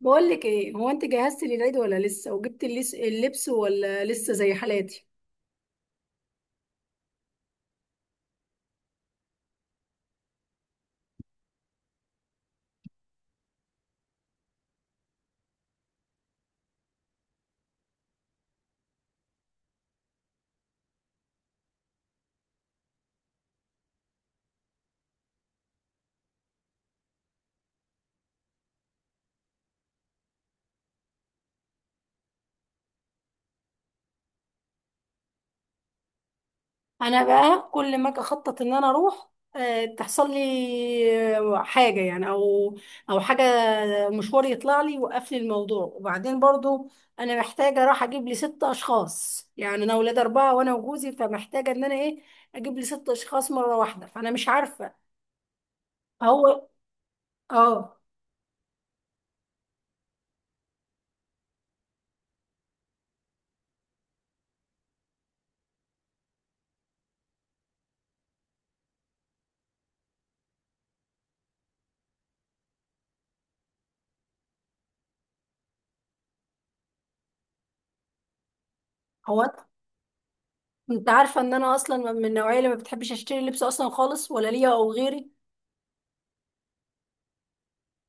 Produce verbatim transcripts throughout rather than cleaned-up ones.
بقول لك ايه؟ هو انت جهزتي للعيد ولا لسه؟ وجبت اللس- اللبس ولا لسه زي حالاتي؟ انا بقى كل ما اجي اخطط ان انا اروح، آه، تحصل لي آه، حاجه يعني، او او حاجه، آه، مشوار يطلع لي يوقف لي الموضوع. وبعدين برضو انا محتاجه اروح اجيب لي ست اشخاص، يعني انا اولاد اربعه وانا وجوزي، فمحتاجه ان انا ايه، اجيب لي ست اشخاص مره واحده، فانا مش عارفه. هو. اه. هو انت عارفة ان انا اصلا من النوعية اللي ما بتحبش اشتري لبس اصلا خالص، ولا ليا او غيري،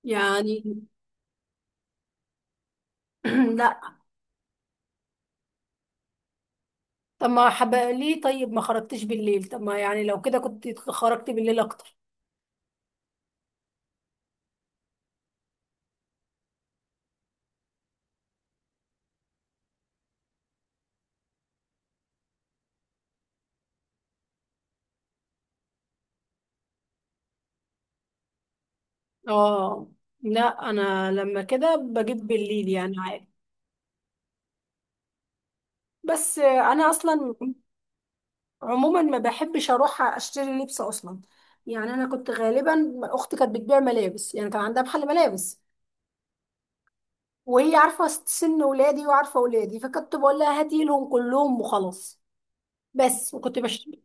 يعني. لا. طب ما حب ليه؟ طيب ما خرجتش بالليل؟ طب ما يعني لو كده كنت خرجت بالليل اكتر. اه. لا انا لما كده بجيب بالليل يعني عادي. بس انا اصلا عموما ما بحبش اروح اشتري لبس اصلا. يعني انا كنت غالبا اختي كانت بتبيع ملابس، يعني كان عندها محل ملابس، وهي عارفة سن ولادي وعارفة ولادي، فكنت بقول لها هاتي لهم كلهم وخلاص. بس وكنت بشتري.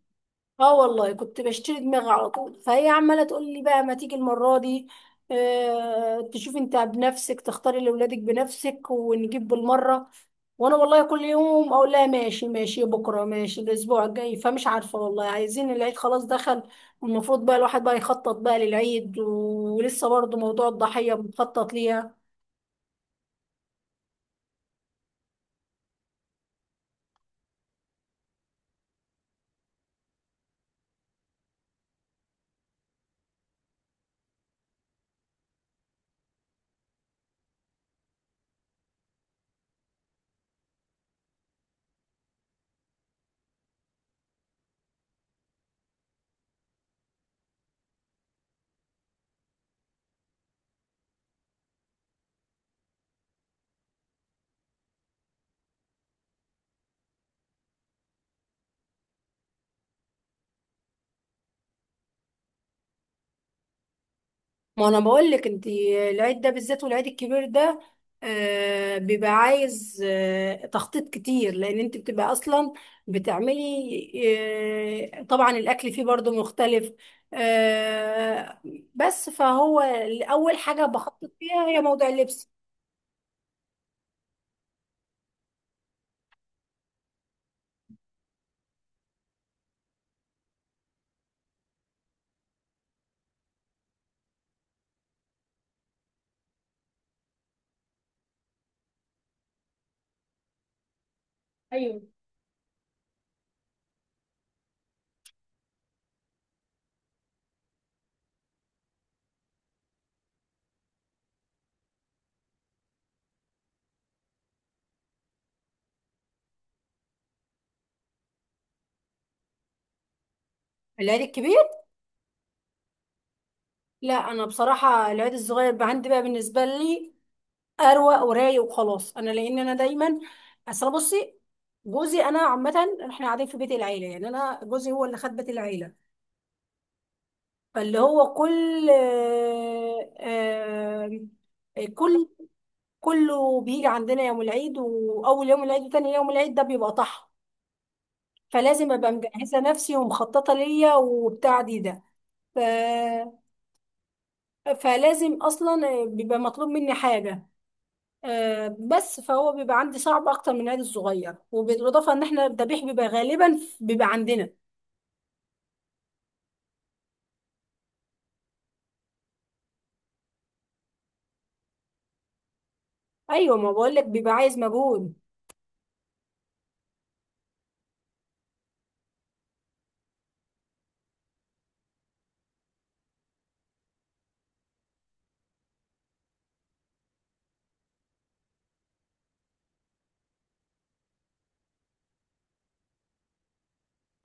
اه والله كنت بشتري دماغي على طول، فهي عماله تقول لي بقى ما تيجي المره دي، آه تشوف انت بنفسك، تختاري لاولادك بنفسك، ونجيب بالمره. وانا والله كل يوم اقول لها ماشي ماشي، بكره ماشي، الاسبوع الجاي، فمش عارفه والله، عايزين العيد خلاص دخل، والمفروض بقى الواحد بقى يخطط بقى للعيد، ولسه برضه موضوع الضحيه بنخطط ليها. ما انا بقول لك انت، العيد ده بالذات، والعيد الكبير ده آه، بيبقى عايز آه، تخطيط كتير، لان انت بتبقى اصلا بتعملي، آه، طبعا الاكل فيه برضو مختلف، آه، بس فهو اول حاجة بخطط فيها هي موضوع اللبس. ايوه. العيد الكبير. لا انا بصراحة العيد الصغير بقى عندي، بقى بالنسبة لي اروق ورايق وخلاص. انا لان انا دايما، اصل بصي، جوزي انا عامه، احنا قاعدين في بيت العيله، يعني انا جوزي هو اللي خد بيت العيله، فاللي هو كل، آه، آه، كل كله بيجي عندنا يوم العيد، واول يوم العيد وتاني يوم العيد، ده بيبقى طحن. فلازم ابقى مجهزه نفسي ومخططه ليا وبتاع دي ده، ف... فلازم اصلا بيبقى مطلوب مني حاجه، آه، بس فهو بيبقى عندي صعب اكتر من العيد الصغير. وبالاضافه ان احنا الذبيح بيبقى غالبا بيبقى عندنا. ايوه ما بقول لك بيبقى عايز مجهود.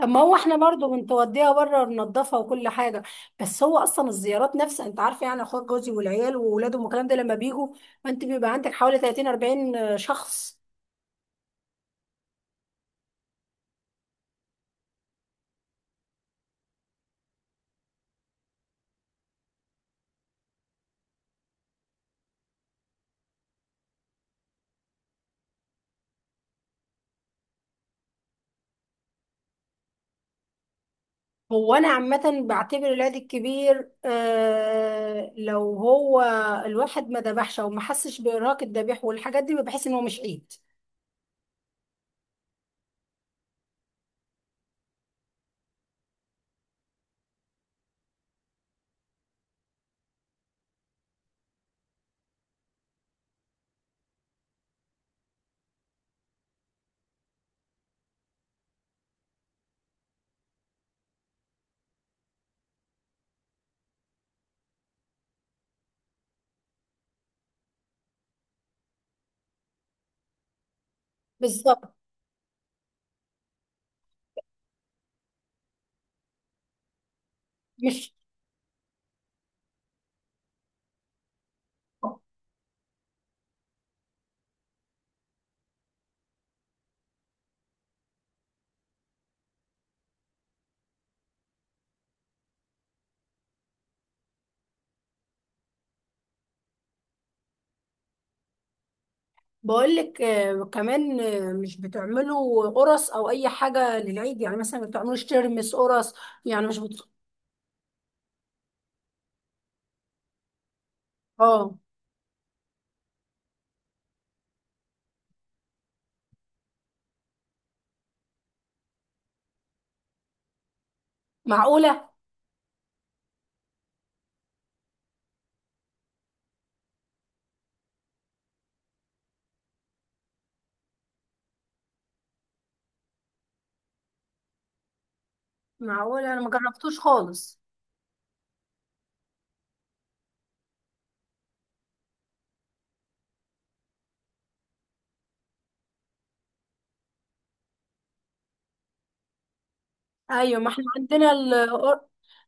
اما هو احنا برضو بنتوديها بره ننضفها وكل حاجه. بس هو اصلا الزيارات نفسها انت عارفه، يعني اخوات جوزي والعيال واولادهم والكلام ده لما بيجوا، انت بيبقى عندك حوالي ثلاثين اربعين شخص. هو انا عامه بعتبر العيد الكبير، آه لو هو الواحد ما ذبحش او ما حسش بارهاق الذبيح والحاجات دي، بحس ان هو مش عيد. بالظبط. مش بقولك آه، كمان، آه، مش بتعملوا قرص او اي حاجه للعيد؟ يعني مثلا ما بتعملوش ترمس قرص يعني؟ مش بت... اه. معقوله. معقوله، انا ما جربتوش خالص. ايوه ما احنا عندنا القر...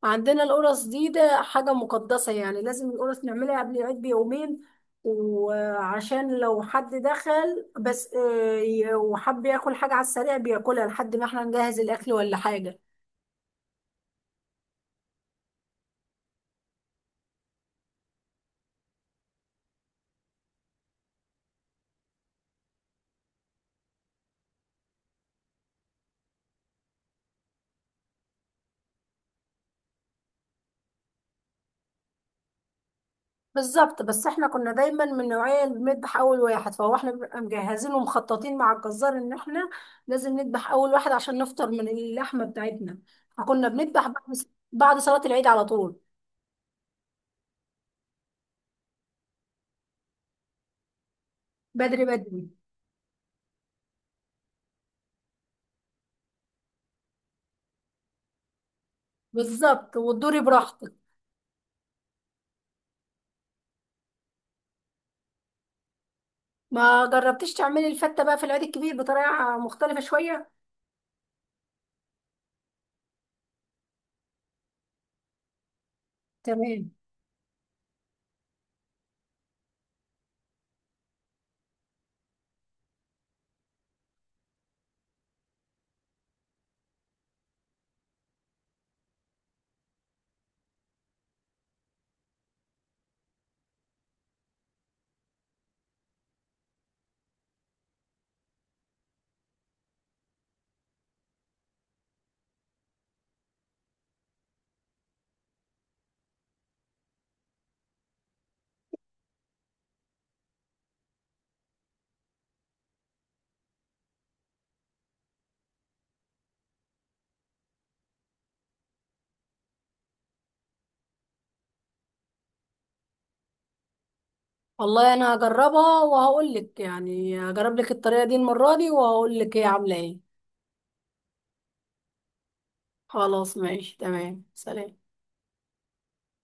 عندنا القرص دي، ده حاجه مقدسه يعني، لازم القرص نعملها قبل العيد بيومين، وعشان لو حد دخل بس آه، ي- وحب ياكل حاجه على السريع بياكلها، لحد ما احنا نجهز الاكل ولا حاجه. بالظبط. بس احنا كنا دايما من نوعية اللي بنذبح اول واحد، فهو احنا بنبقى مجهزين ومخططين مع الجزار ان احنا لازم نذبح اول واحد عشان نفطر من اللحمة بتاعتنا، فكنا بنذبح بعد بعد صلاة العيد على طول. بدري بدري. بالظبط وتدوري براحتك. ما جربتيش تعملي الفتة بقى في العيد الكبير بطريقة مختلفة شوية؟ تمام. والله انا هجربها وهقول لك، يعني هجرب لك الطريقة دي المرة دي وهقول لك هي عاملة ايه. خلاص ماشي. تمام. سلام.